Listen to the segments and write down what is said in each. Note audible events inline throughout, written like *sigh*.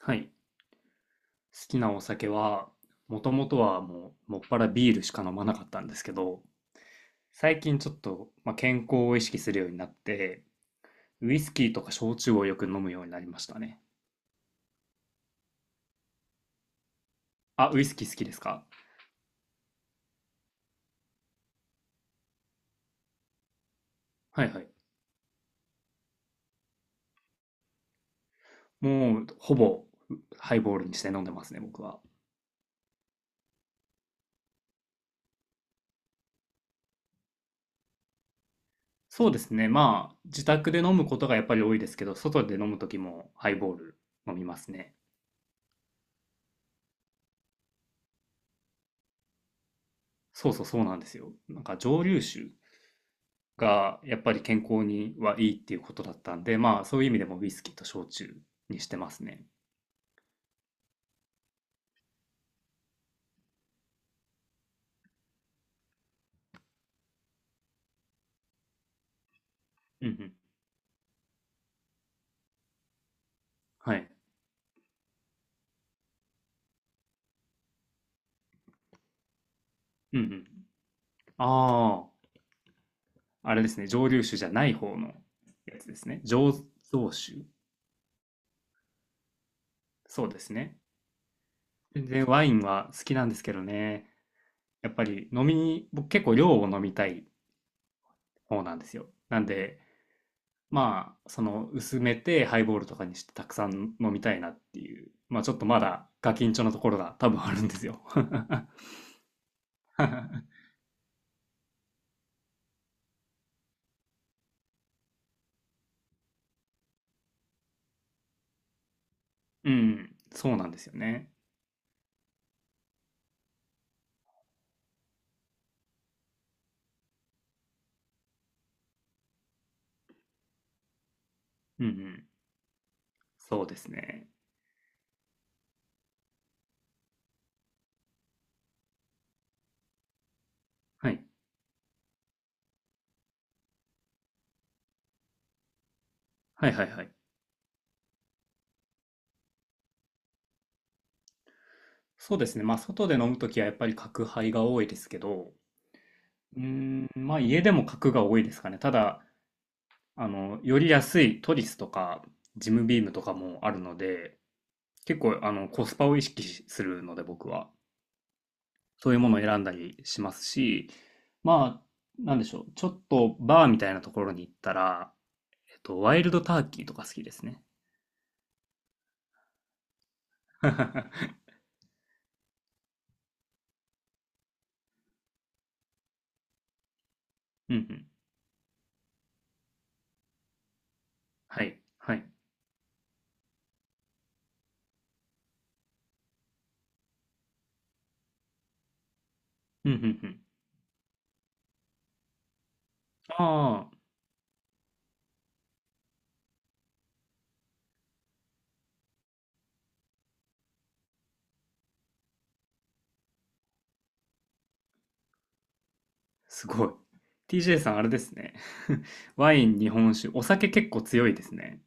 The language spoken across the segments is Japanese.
はい。好きなお酒は、もともとはもっぱらビールしか飲まなかったんですけど、最近ちょっと、健康を意識するようになって、ウイスキーとか焼酎をよく飲むようになりましたね。あ、ウイスキー好きですか？はいはい。もう、ほぼ、ハイボールにして飲んでますね、僕は。そうですね。まあ、自宅で飲むことがやっぱり多いですけど、外で飲むときもハイボール飲みますね。そうそうそうなんですよ。なんか蒸留酒がやっぱり健康にはいいっていうことだったんで、まあそういう意味でもウイスキーと焼酎にしてますね。うんうん。はい。うんうん。ああ、あれですね。蒸留酒じゃない方のやつですね。醸造酒。そうですね。全然ワインは好きなんですけどね。やっぱり飲みに、僕結構量を飲みたい方なんですよ。なんで、まあ、その薄めてハイボールとかにしてたくさん飲みたいなっていう。まあちょっとまだガキンチョのところが多分あるんですよ。*laughs* うん、そうなんですよね。うんうん。そうですね。はい。はいはいはい。そうですね。まあ、外で飲むときはやっぱり角杯が多いですけど、うーん、まあ、家でも角が多いですかね。ただ、より安いトリスとか、ジムビームとかもあるので、結構、コスパを意識しするので、僕は。そういうものを選んだりしますし、まあ、なんでしょう。ちょっとバーみたいなところに行ったら、ワイルドターキーとか好きですね。*laughs* うんうんはい。はい。うんうんうん。ああ、すごい。TJ さん、あれですね。*laughs* ワイン、日本酒、お酒結構強いですね。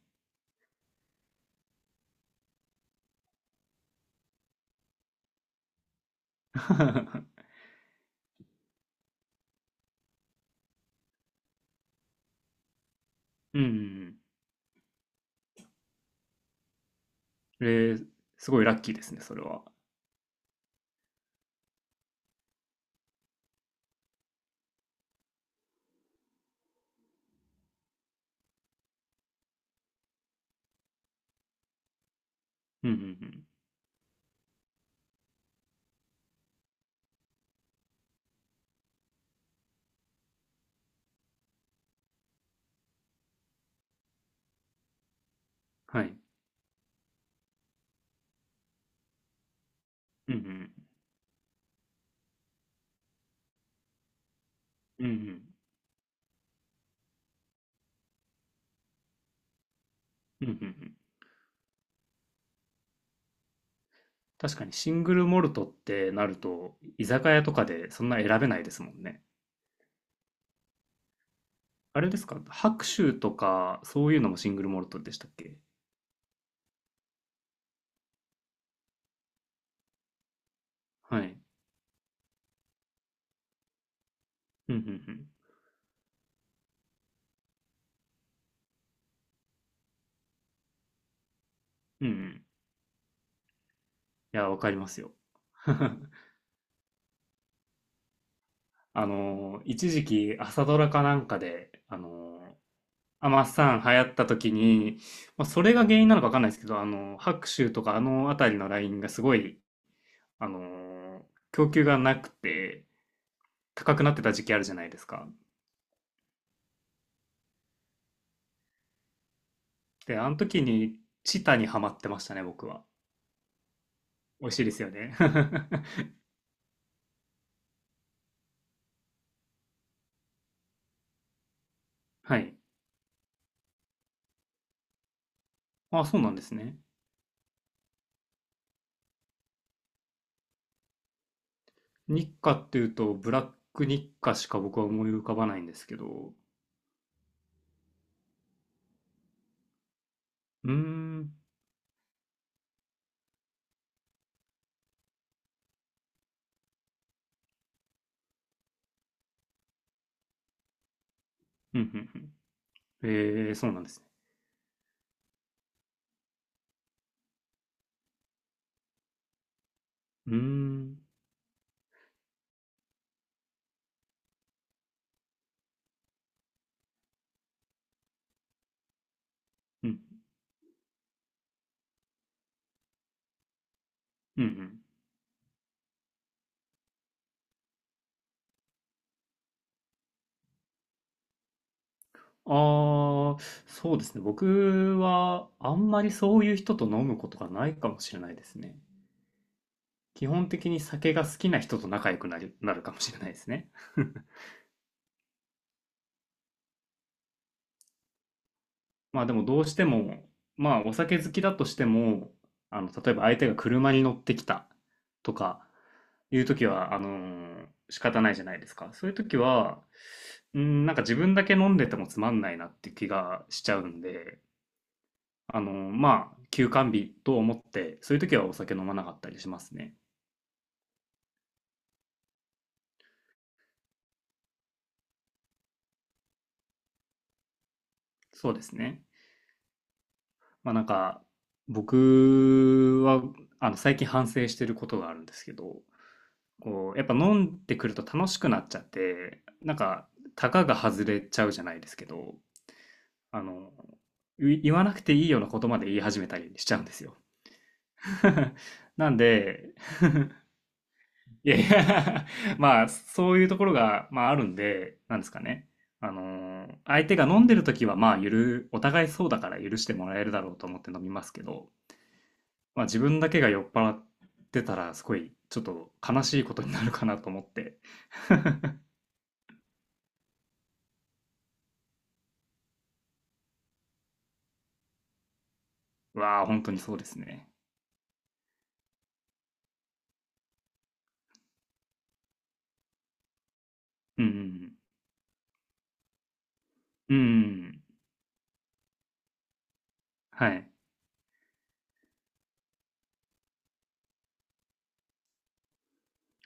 *laughs* うんうんうん。えー、すごいラッキーですね、それは。うんうんうん。はい。うんうん。うんうん。うんうんうん。確かにシングルモルトってなると、居酒屋とかでそんな選べないですもんね。あれですか白州とか、そういうのもシングルモルトでしたっけ？はい。うんうんうん。うんうん。いや、わかりますよ。*laughs* 一時期朝ドラかなんかで、アマさん流行った時に、まあ、それが原因なのかわかんないですけど、あの、白州とかあの辺りのラインがすごい、あの、供給がなくて高くなってた時期あるじゃないですか。で、あの時にチタにハマってましたね、僕は。美味しいですよね。*laughs* はい。あ、そうなんですね。日課っていうと、ブラック日課しか僕は思い浮かばないんですけど。うーん。うん、うん、うん。えー、そうなんですね。うーん。うん、うんうん。ああー、そうですね。僕はあんまりそういう人と飲むことがないかもしれないですね。基本的に酒が好きな人と仲良くなる、なるかもしれないですね。まあでもどうしても、まあお酒好きだとしても、あの、例えば相手が車に乗ってきたとかいう時は、仕方ないじゃないですか。そういう時は、うん、なんか自分だけ飲んでてもつまんないなって気がしちゃうんで、まあ、休館日と思って、そういう時はお酒飲まなかったりしますね。そうですね。まあなんか、僕は、最近反省してることがあるんですけど、こう、やっぱ飲んでくると楽しくなっちゃって、なんか、たかが外れちゃうじゃないですけど、あの、言わなくていいようなことまで言い始めたりしちゃうんですよ。*laughs* なんで、いやいや *laughs* まあ、そういうところが、まあ、あるんで、なんですかね。相手が飲んでる時は、まあ、お互いそうだから許してもらえるだろうと思って飲みますけど、まあ、自分だけが酔っ払ってたら、すごい、ちょっと悲しいことになるかなと思って。うわあ、本当にそうですね。うん、うん、うん、はい。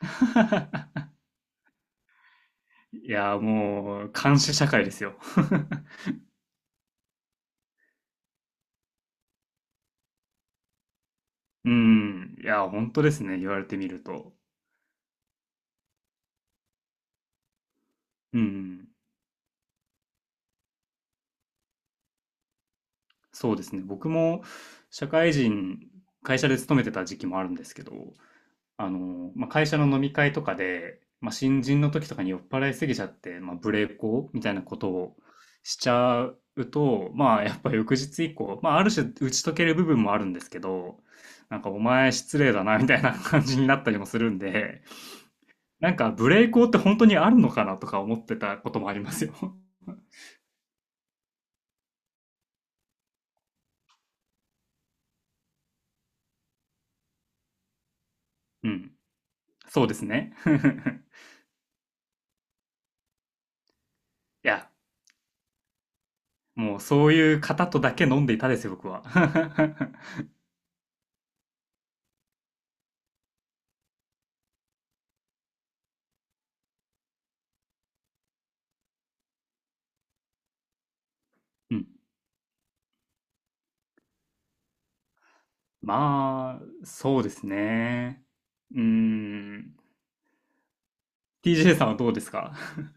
*laughs* いやー、もう、監視社会ですよ。うん、いやー、本当ですね。言われてみると。うん。そうですね。僕も社会人、会社で勤めてた時期もあるんですけど、まあ、会社の飲み会とかで、まあ、新人の時とかに酔っ払いすぎちゃって、まあ、ブレーコみたいなことをしちゃうと、まあ、やっぱ翌日以降、まあ、ある種打ち解ける部分もあるんですけど、なんかお前失礼だなみたいな感じになったりもするんで、なんかブレーコって本当にあるのかなとか思ってたこともありますよ。うん。そうですね。*laughs* いや、もうそういう方とだけ飲んでいたですよ、僕は。*laughs* うん。まあ、そうですね。うーん。TJ さんはどうですか？ *laughs*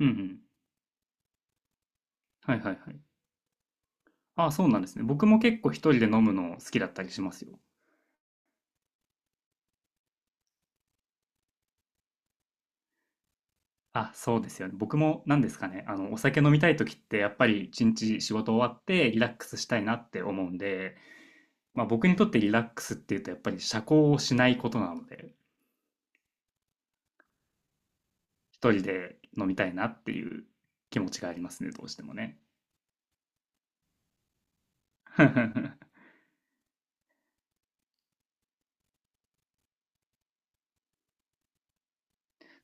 うんうん。はいはいはい。ああ、そうなんですね。僕も結構一人で飲むの好きだったりしますよ。あ、そうですよね。僕も何ですかね。お酒飲みたい時ってやっぱり一日仕事終わってリラックスしたいなって思うんで、まあ僕にとってリラックスっていうとやっぱり社交をしないことなので、一人で飲みたいなっていう気持ちがありますね、どうしてもね。*laughs*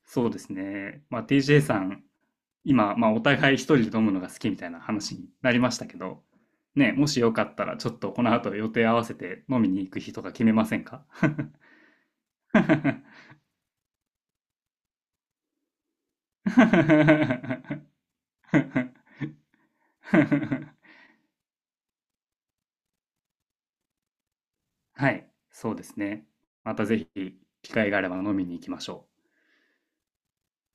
そうですね。まあ、TJ さん、今、まあ、お互い一人で飲むのが好きみたいな話になりましたけど、ね、もしよかったら、ちょっとこの後予定合わせて飲みに行く日とか決めませんか？ *laughs* はい、そうですね。またぜひ、機会があれば飲みに行きましょう。